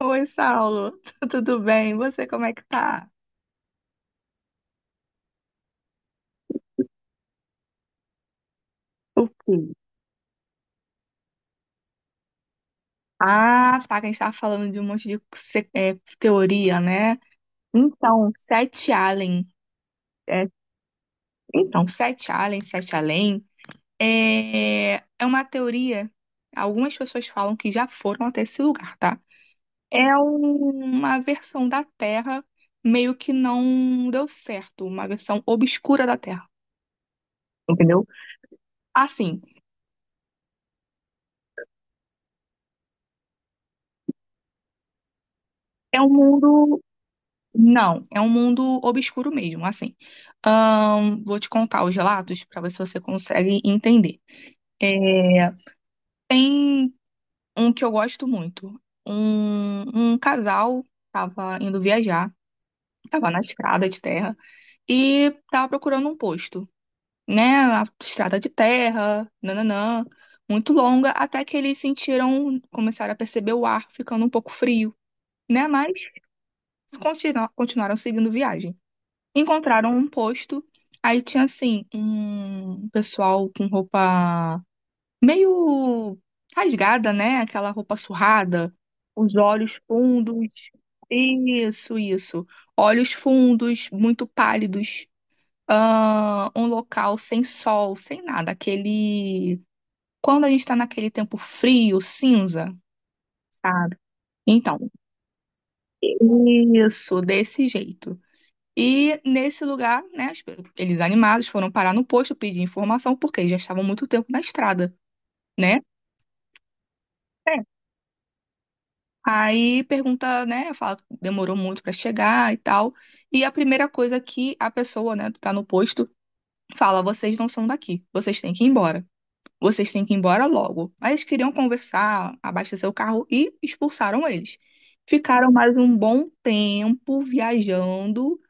Oi, Saulo. Tudo bem? Você, como é que tá? O quê? Ah, tá, que a gente tava falando de um monte de teoria, né? Então, Sete Allen, é, então, Sete Allen, Sete Além, é uma teoria, algumas pessoas falam que já foram até esse lugar, tá? Uma versão da Terra meio que não deu certo, uma versão obscura da Terra, entendeu? Assim, é um mundo. Não, é um mundo obscuro mesmo, assim. Vou te contar os relatos para ver se você consegue entender. É, Tem um que eu gosto muito. Um casal estava indo viajar, estava na estrada de terra e estava procurando um posto, né? A estrada de terra, nananã, muito longa, até que eles sentiram, começaram a perceber o ar ficando um pouco frio, né? Mas continuaram seguindo viagem. Encontraram um posto, aí tinha assim um pessoal com roupa meio rasgada, né? Aquela roupa surrada, os olhos fundos. Isso, isso. Olhos fundos, muito pálidos. Ah, um local sem sol, sem nada. Aquele. Quando a gente tá naquele tempo frio, cinza, sabe? Então, isso, desse jeito. E nesse lugar, né, eles animados foram parar no posto pedir informação, porque eles já estavam muito tempo na estrada, né? É. Aí pergunta, né, fala que demorou muito para chegar e tal. E a primeira coisa que a pessoa, né, que tá no posto, fala: vocês não são daqui, vocês têm que ir embora. Vocês têm que ir embora logo. Mas eles queriam conversar, abastecer o carro e expulsaram eles. Ficaram mais um bom tempo viajando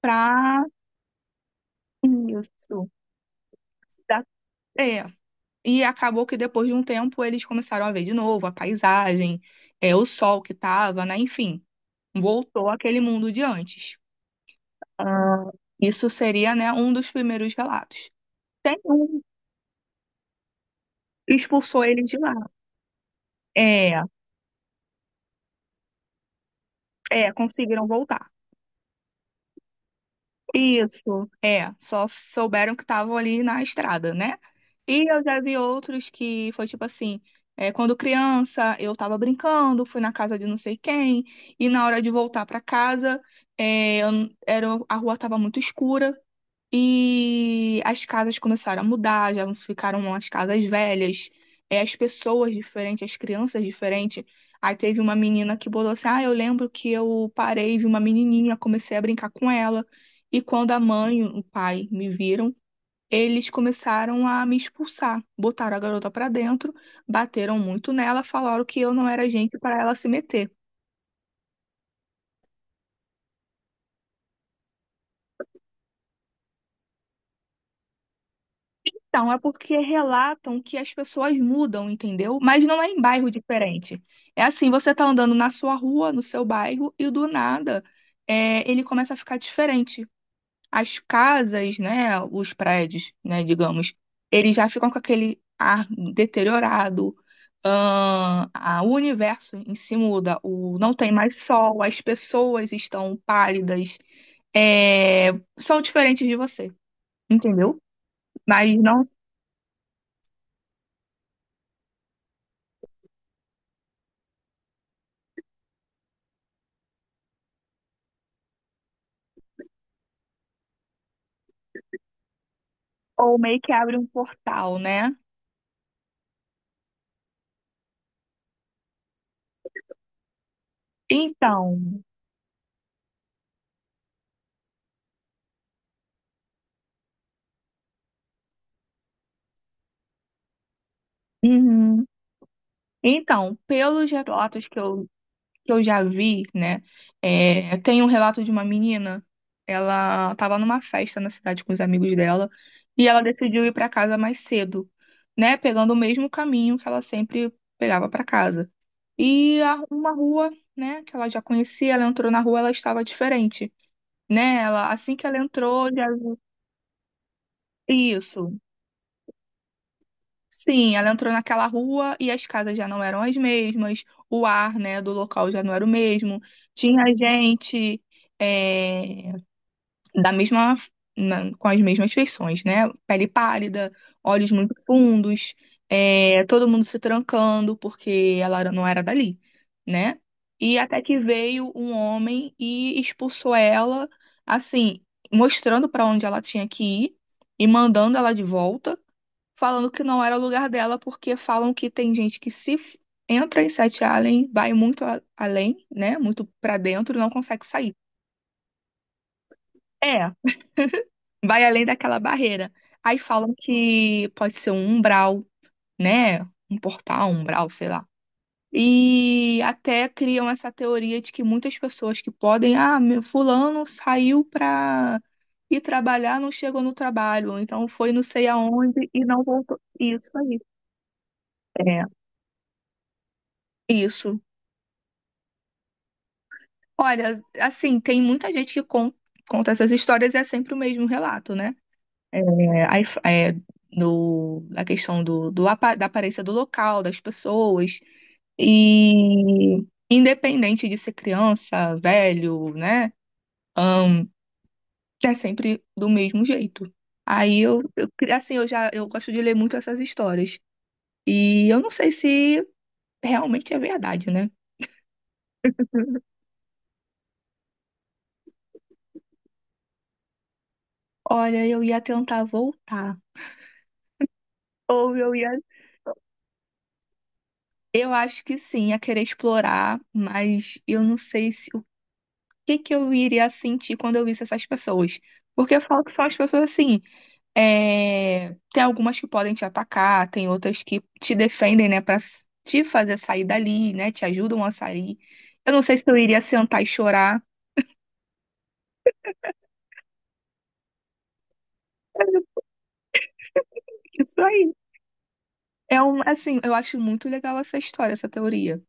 pra isso. Cidade- É. E acabou que depois de um tempo eles começaram a ver de novo a paisagem, é o sol que estava, né? Enfim, voltou aquele mundo de antes. Ah, isso seria, né, um dos primeiros relatos. Tem um que expulsou eles de lá. É, é, conseguiram voltar. Isso, é, só souberam que estavam ali na estrada, né? E eu já vi outros que foi tipo assim, quando criança eu tava brincando, fui na casa de não sei quem, e na hora de voltar pra casa, era, a rua tava muito escura, e as casas começaram a mudar, já ficaram as casas velhas, as pessoas diferentes, as crianças diferentes. Aí teve uma menina que botou assim: ah, eu lembro que eu parei, vi uma menininha, comecei a brincar com ela. E quando a mãe e o pai me viram, eles começaram a me expulsar. Botaram a garota pra dentro, bateram muito nela, falaram que eu não era gente para ela se meter. Então, é porque relatam que as pessoas mudam, entendeu? Mas não é em bairro diferente. É assim, você tá andando na sua rua, no seu bairro, e do nada, ele começa a ficar diferente. As casas, né, os prédios, né, digamos, eles já ficam com aquele ar deteriorado. O universo em si muda, não tem mais sol, as pessoas estão pálidas, é, são diferentes de você, entendeu? Mas não Ou meio que abre um portal, né? Então, uhum. Então, pelos relatos que eu já vi, né? Tem um relato de uma menina, ela estava numa festa na cidade com os amigos dela e ela decidiu ir para casa mais cedo, né? Pegando o mesmo caminho que ela sempre pegava para casa. E uma rua, né, que ela já conhecia, ela entrou na rua, ela estava diferente, né? Ela, assim que ela entrou, já viu isso. Sim, ela entrou naquela rua e as casas já não eram as mesmas, o ar, né, do local já não era o mesmo. Tinha gente, é, da mesma, com as mesmas feições, né? Pele pálida, olhos muito fundos, todo mundo se trancando porque não era dali, né? E até que veio um homem e expulsou ela, assim, mostrando para onde ela tinha que ir e mandando ela de volta, falando que não era o lugar dela, porque falam que tem gente que se f- entra em Sete Allen, vai muito além, né? Muito pra dentro e não consegue sair. É, vai além daquela barreira. Aí falam que pode ser um umbral, né? Um portal, um umbral, sei lá. E até criam essa teoria de que muitas pessoas que podem, ah, meu fulano saiu pra ir trabalhar, não chegou no trabalho, ou então foi não sei aonde e não voltou. Isso aí. É. Isso. Olha, assim, tem muita gente que conta essas histórias, e é sempre o mesmo relato, né? É, aí f- é, no, Na questão do, do apa- da aparência do local, das pessoas, e independente de ser criança, velho, né? ahn, É sempre do mesmo jeito. Aí eu, cri- assim, eu já, eu gosto de ler muito essas histórias. E eu não sei se realmente é verdade, né? Olha, eu ia tentar voltar. Ou eu ia. Eu acho que sim, a querer explorar, mas eu não sei se, o que que eu iria sentir quando eu visse essas pessoas. Porque eu falo que são as pessoas assim, tem algumas que podem te atacar, tem outras que te defendem, né, pra te fazer sair dali, né, te ajudam a sair. Eu não sei se eu iria sentar e chorar. Mas é isso aí. Eu acho muito legal essa história, essa teoria.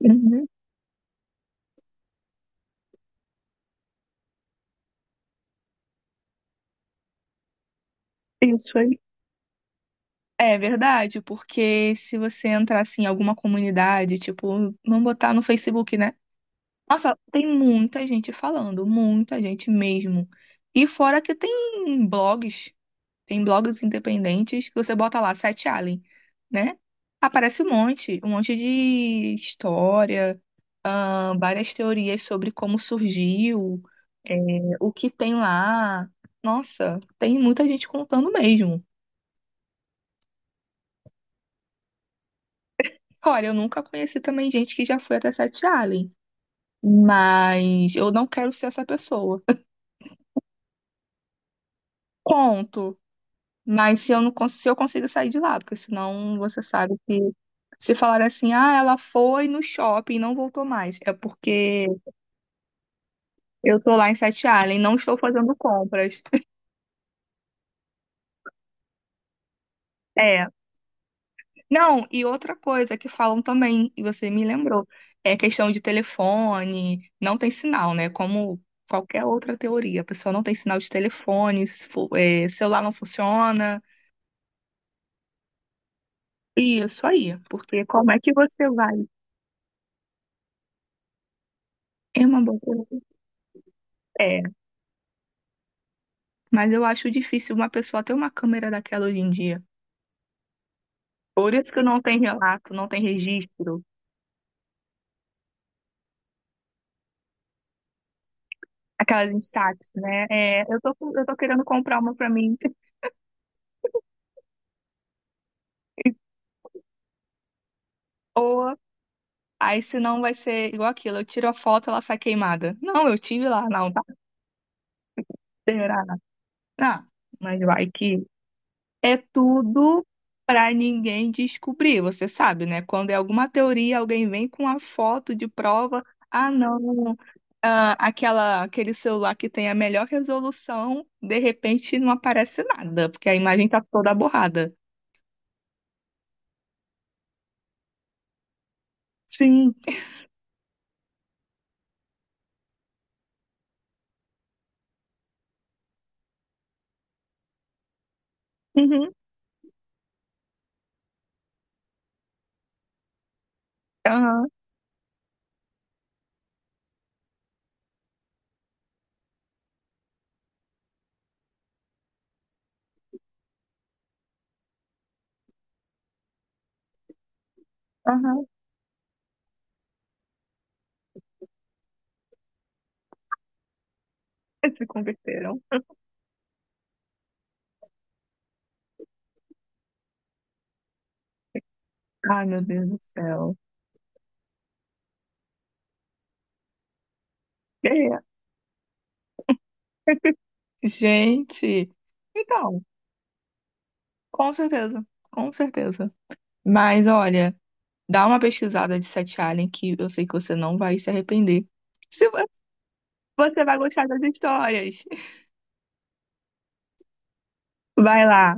Uhum, isso aí. É verdade, porque se você entrar assim em alguma comunidade, tipo, vamos botar no Facebook, né? Nossa, tem muita gente falando, muita gente mesmo. E fora que tem blogs independentes que você bota lá, Sete Alien, né? Aparece um monte de história, ah, várias teorias sobre como surgiu, é, o que tem lá. Nossa, tem muita gente contando mesmo. Olha, eu nunca conheci também gente que já foi até Sete Allen, mas eu não quero ser essa pessoa. Conto, mas se eu se eu consigo sair de lá, porque senão você sabe que, se falar assim, ah, ela foi no shopping e não voltou mais, é porque eu tô lá em Sete Allen, não estou fazendo compras. É. Não, e outra coisa que falam também, e você me lembrou, é questão de telefone, não tem sinal, né? Como qualquer outra teoria, a pessoa não tem sinal de telefone, se for- é, celular não funciona, isso aí, porque como é que você vai? É uma boa pergunta. É, mas eu acho difícil uma pessoa ter uma câmera daquela hoje em dia. Por isso que não tem relato, não tem registro, aquelas Instax, né? É, eu tô querendo comprar uma pra mim. Ou Aí senão vai ser igual aquilo, eu tiro a foto, ela sai queimada. Não, eu tive lá, não, tá? Será? Ah, mas vai que é tudo pra ninguém descobrir, você sabe, né? Quando é alguma teoria, alguém vem com a foto de prova, ah, não, ah, aquele celular que tem a melhor resolução, de repente não aparece nada, porque a imagem tá toda borrada. Sim. Uhum. Aham, aham. Eles se converteram. Ai, meu Deus do céu. É. Gente, então, com certeza, com certeza. Mas olha, dá uma pesquisada de Sete Alien que eu sei que você não vai se arrepender. Se vo- Você vai gostar das histórias. Vai lá,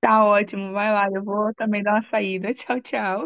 tá ótimo, vai lá, eu vou também dar uma saída. Tchau, tchau.